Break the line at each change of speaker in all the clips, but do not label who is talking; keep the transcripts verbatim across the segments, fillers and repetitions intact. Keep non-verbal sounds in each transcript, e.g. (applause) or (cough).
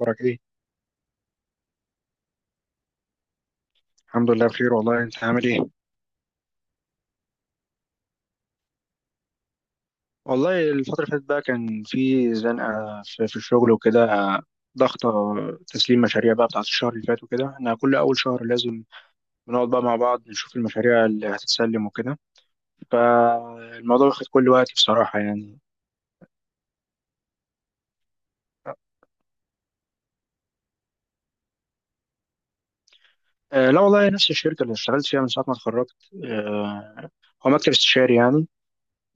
اخبارك ايه؟ الحمد لله بخير والله. انت عامل ايه؟ والله الفترة اللي فاتت بقى كان في زنقة في, في الشغل وكده، ضغطة تسليم مشاريع بقى بتاعت الشهر اللي فات. وكده احنا كل أول شهر لازم بنقعد بقى مع بعض نشوف المشاريع اللي هتتسلم وكده، فالموضوع واخد كل وقتي بصراحة يعني. آه، لا والله، نفس الشركة اللي اشتغلت فيها من ساعة ما اتخرجت. آه، هو مكتب استشاري يعني.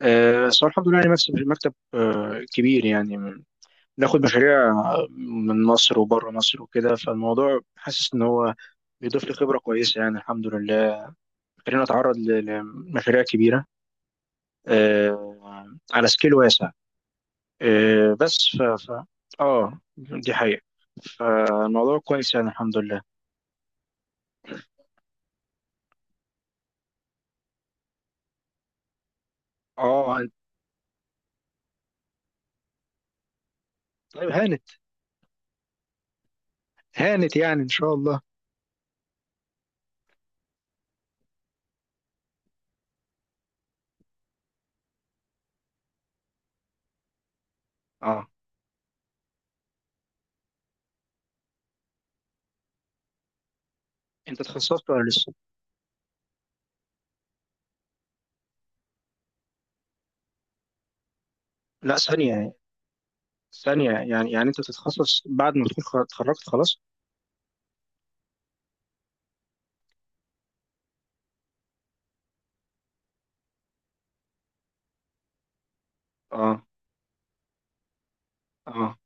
آه، بس هو الحمد لله يعني مكتب مكتب آه، كبير يعني، ناخد مشاريع من مصر وبره مصر وكده، فالموضوع حاسس ان هو بيضيف لي خبره كويسه يعني الحمد لله. خلينا اتعرض ل- لمشاريع كبيره، آه، على سكيل واسع. آه، بس ف ف اه، دي حقيقه، فالموضوع كويس يعني الحمد لله. اه. أنت- طيب، هانت، هانت يعني ان شاء الله. اه، انت تخصصت ولا لسه؟ لا، ثانيه يعني، ثانيه يعني يعني انت تتخصص بعد ما تكون خ- اتخرجت خلاص. اه. اه،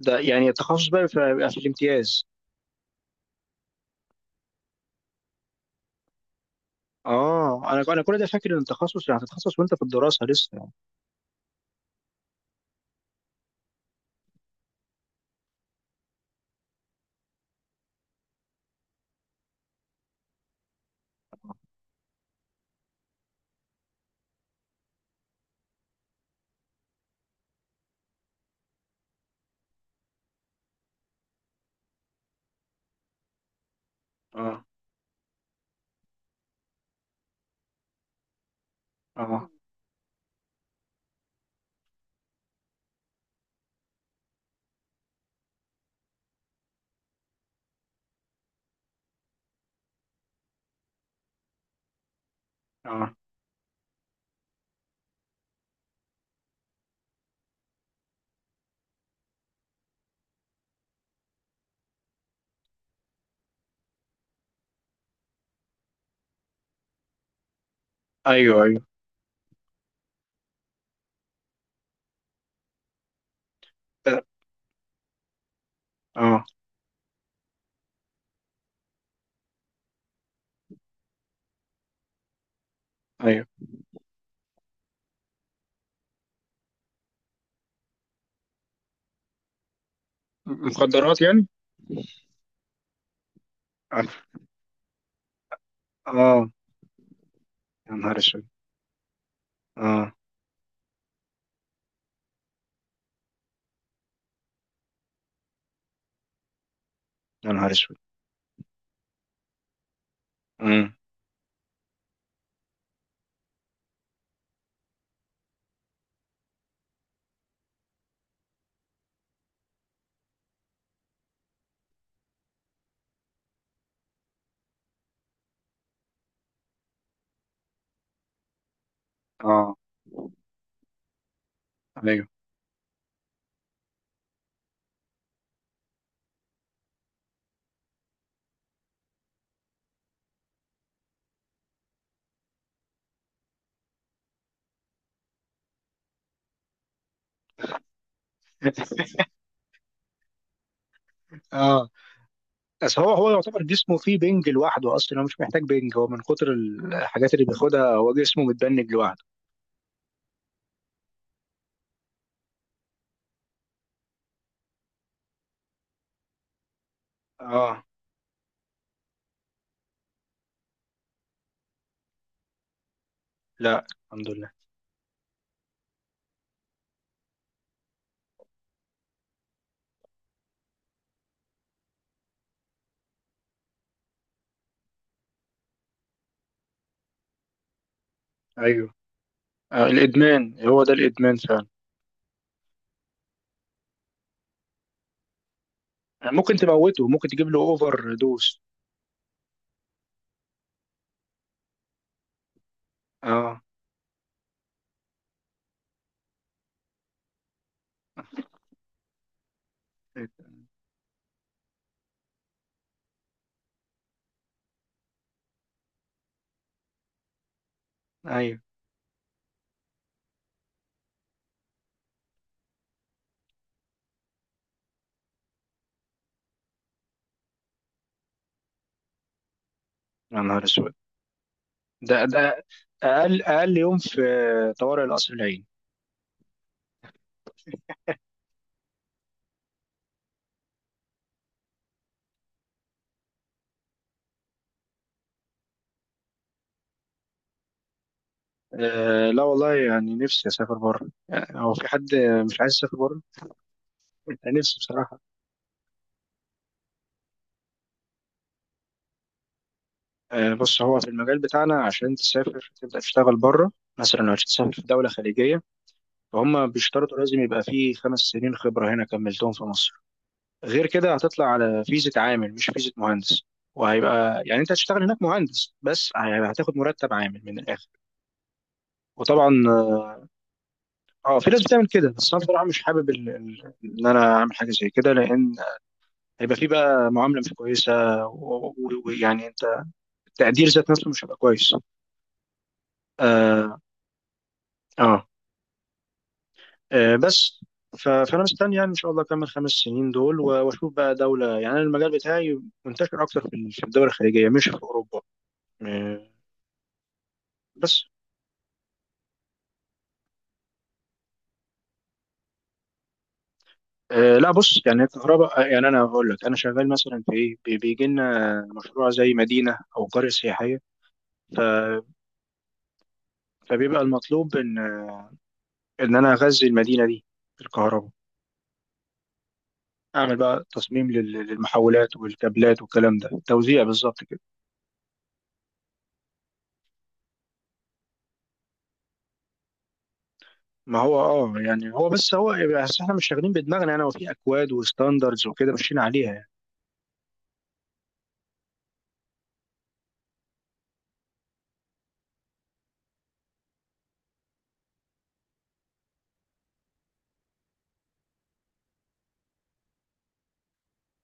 ده يعني التخصص بقى بيبقى- بيبقى في الامتياز؟ اه، انا انا كل ده فاكر ان التخصص يعني هتتخصص وانت في الدراسه لسه يعني. اه، اه، اه، ايوه، ايوه، اه، آه، ايوه. مخدرات يعني. اه. آه، يا نهار اسود. اه. يا نهار اسود. امم. اه. ايوه. (laughs) اه. بس هو هو يعتبر جسمه فيه بنج لوحده. اصلا هو مش محتاج بنج، هو من كتر الحاجات اللي بياخدها هو جسمه متبنج لوحده. اه، لا الحمد لله. ايوه. آه، الادمان هو ده الادمان فعلا. يعني ممكن تموته، ممكن تجيب له اوفر دوز. اه. ايوه. يا نهار اسود. ده ده اقل اقل يوم في طوارئ القصر العيني. أه، لا والله، يعني نفسي اسافر بره، يعني هو في حد مش عايز يسافر بره؟ أنا نفسي بصراحه. أه بص، هو في المجال بتاعنا، عشان تسافر تبدا تشتغل بره، مثلا لو هتسافر في دوله خليجيه، فهم بيشترطوا لازم يبقى فيه خمس سنين خبره هنا كملتهم في مصر. غير كده هتطلع على فيزه عامل، مش فيزه مهندس، وهيبقى يعني انت هتشتغل هناك مهندس بس هتاخد مرتب عامل من الاخر. وطبعا اه، في ناس بتعمل كده، بس انا بصراحه مش حابب ال- ال- ان انا اعمل حاجه زي كده، لان هيبقى في بقى معامله مش كويسه، و- و- ويعني انت، التقدير ذات نفسه مش هيبقى كويس. اه، اه، آه بس، ف- فانا مستني يعني ان شاء الله اكمل خمس سنين دول، و- واشوف بقى دوله. يعني أنا المجال بتاعي منتشر اكتر في ال- في الدول الخليجيه، مش في اوروبا. آه، بس. آه لا، بص يعني الكهرباء، آه، يعني انا هقول لك، انا شغال مثلا في ايه، بي- بيجي لنا مشروع زي مدينه او قريه سياحيه، ف- فبيبقى المطلوب ان ان انا اغذي المدينه دي بالكهرباء، اعمل بقى تصميم لل- للمحولات والكابلات والكلام ده، توزيع بالظبط كده. ما هو اه، يعني هو بس هو، يعني بس احنا مش شغالين بدماغنا انا، وفي اكواد وستاندردز وكده ماشيين عليها يعني.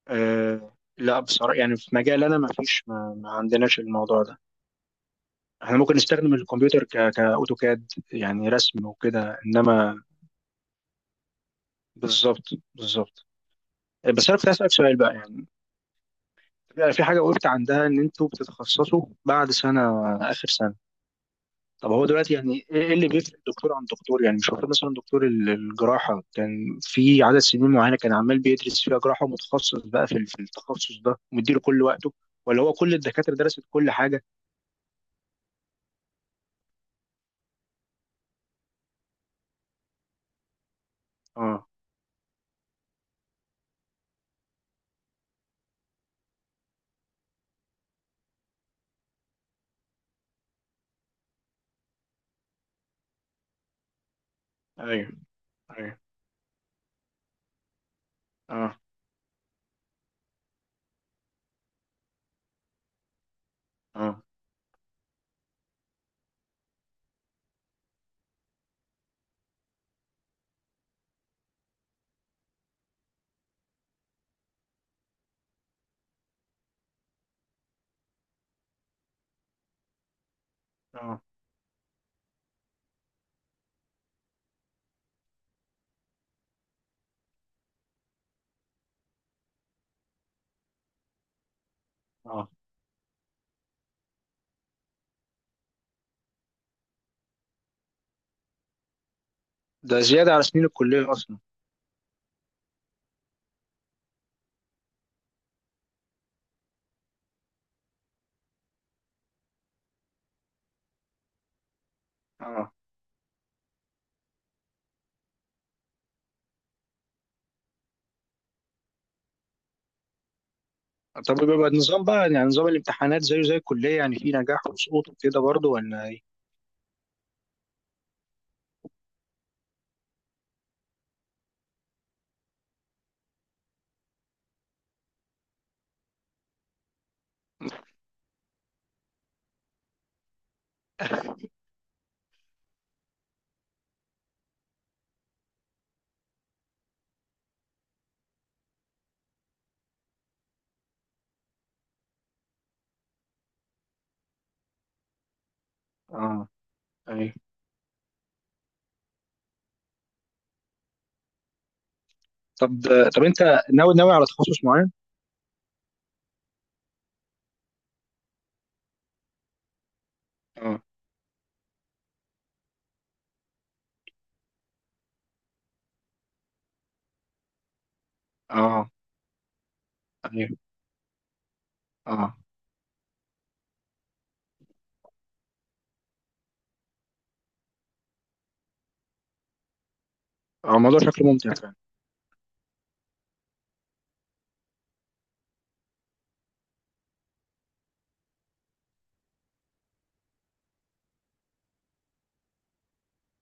آه لا بصراحه، يعني في مجال انا ما فيش ما, ما عندناش الموضوع ده. احنا ممكن نستخدم الكمبيوتر ك كاوتوكاد، يعني رسم وكده، انما. بالظبط، بالظبط. بس انا كنت اسالك سؤال بقى يعني، في حاجه وقفت عندها، ان انتوا بتتخصصوا بعد سنه، اخر سنه. طب هو دلوقتي يعني ايه، إيه اللي بيفرق دكتور عن دكتور؟ يعني مش المفروض مثلا دكتور ال- الجراحه كان في عدد سنين معينه كان عمال بيدرس فيها جراحه، ومتخصص بقى في ال- في التخصص ده ومديله كل وقته، ولا هو كل الدكاتره درست كل حاجه؟ اه. ايوه، ايوه. اه. اه. اه. اه. ده زياده على سنين الكليه اصلا. اه. طب بيبقى النظام بقى يعني، نظام الامتحانات زيه زي الكليه يعني، في نجاح وسقوط وكده برضه ولا ايه؟ اه. ايوه. طب طب انت ناوي ناوي على تخصص معين؟ اه. اه. ايوه. اه. اه، الموضوع شكله ممتع فعلا.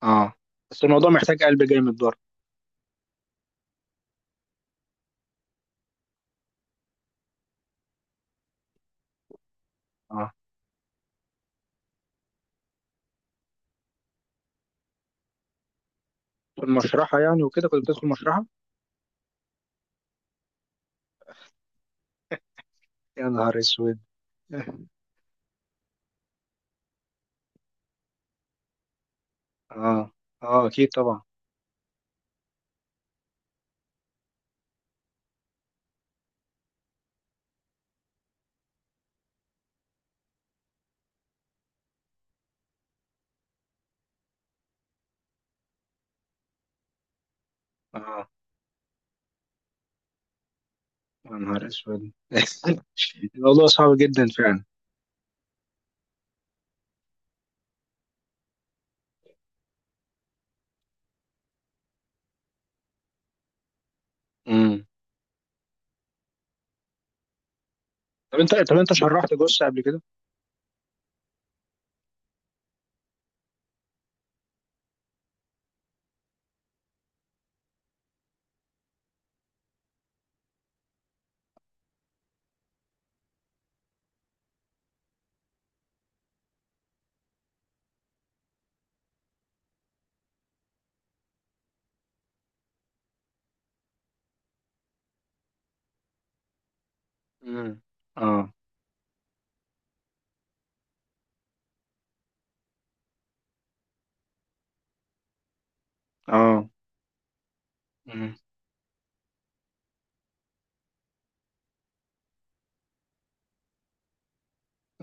اه بس الموضوع محتاج قلب جامد برضه. اه، المشرحة يعني وكده، كنت بتدخل مشرحة؟ يا نهار اسود. اه. اه اكيد طبعا. اه. يا نهار اسود. (laughs) الموضوع صعب جدا فعلا. امم. طب انت، طب انت شرحت جثة قبل كده؟ امم. اه. اه. امم.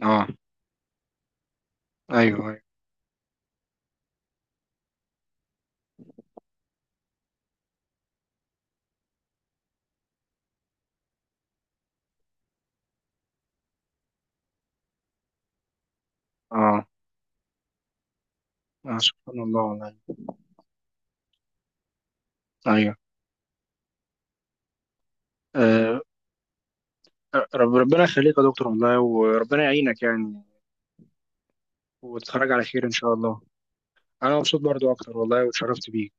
اه. ايوه، ايوه. اه. آه، سبحان الله والله. ايوه. آه. رب ربنا يخليك يا دكتور والله، وربنا يعينك يعني، وتتخرج على خير ان شاء الله. انا مبسوط برضو اكتر والله، واتشرفت بيك.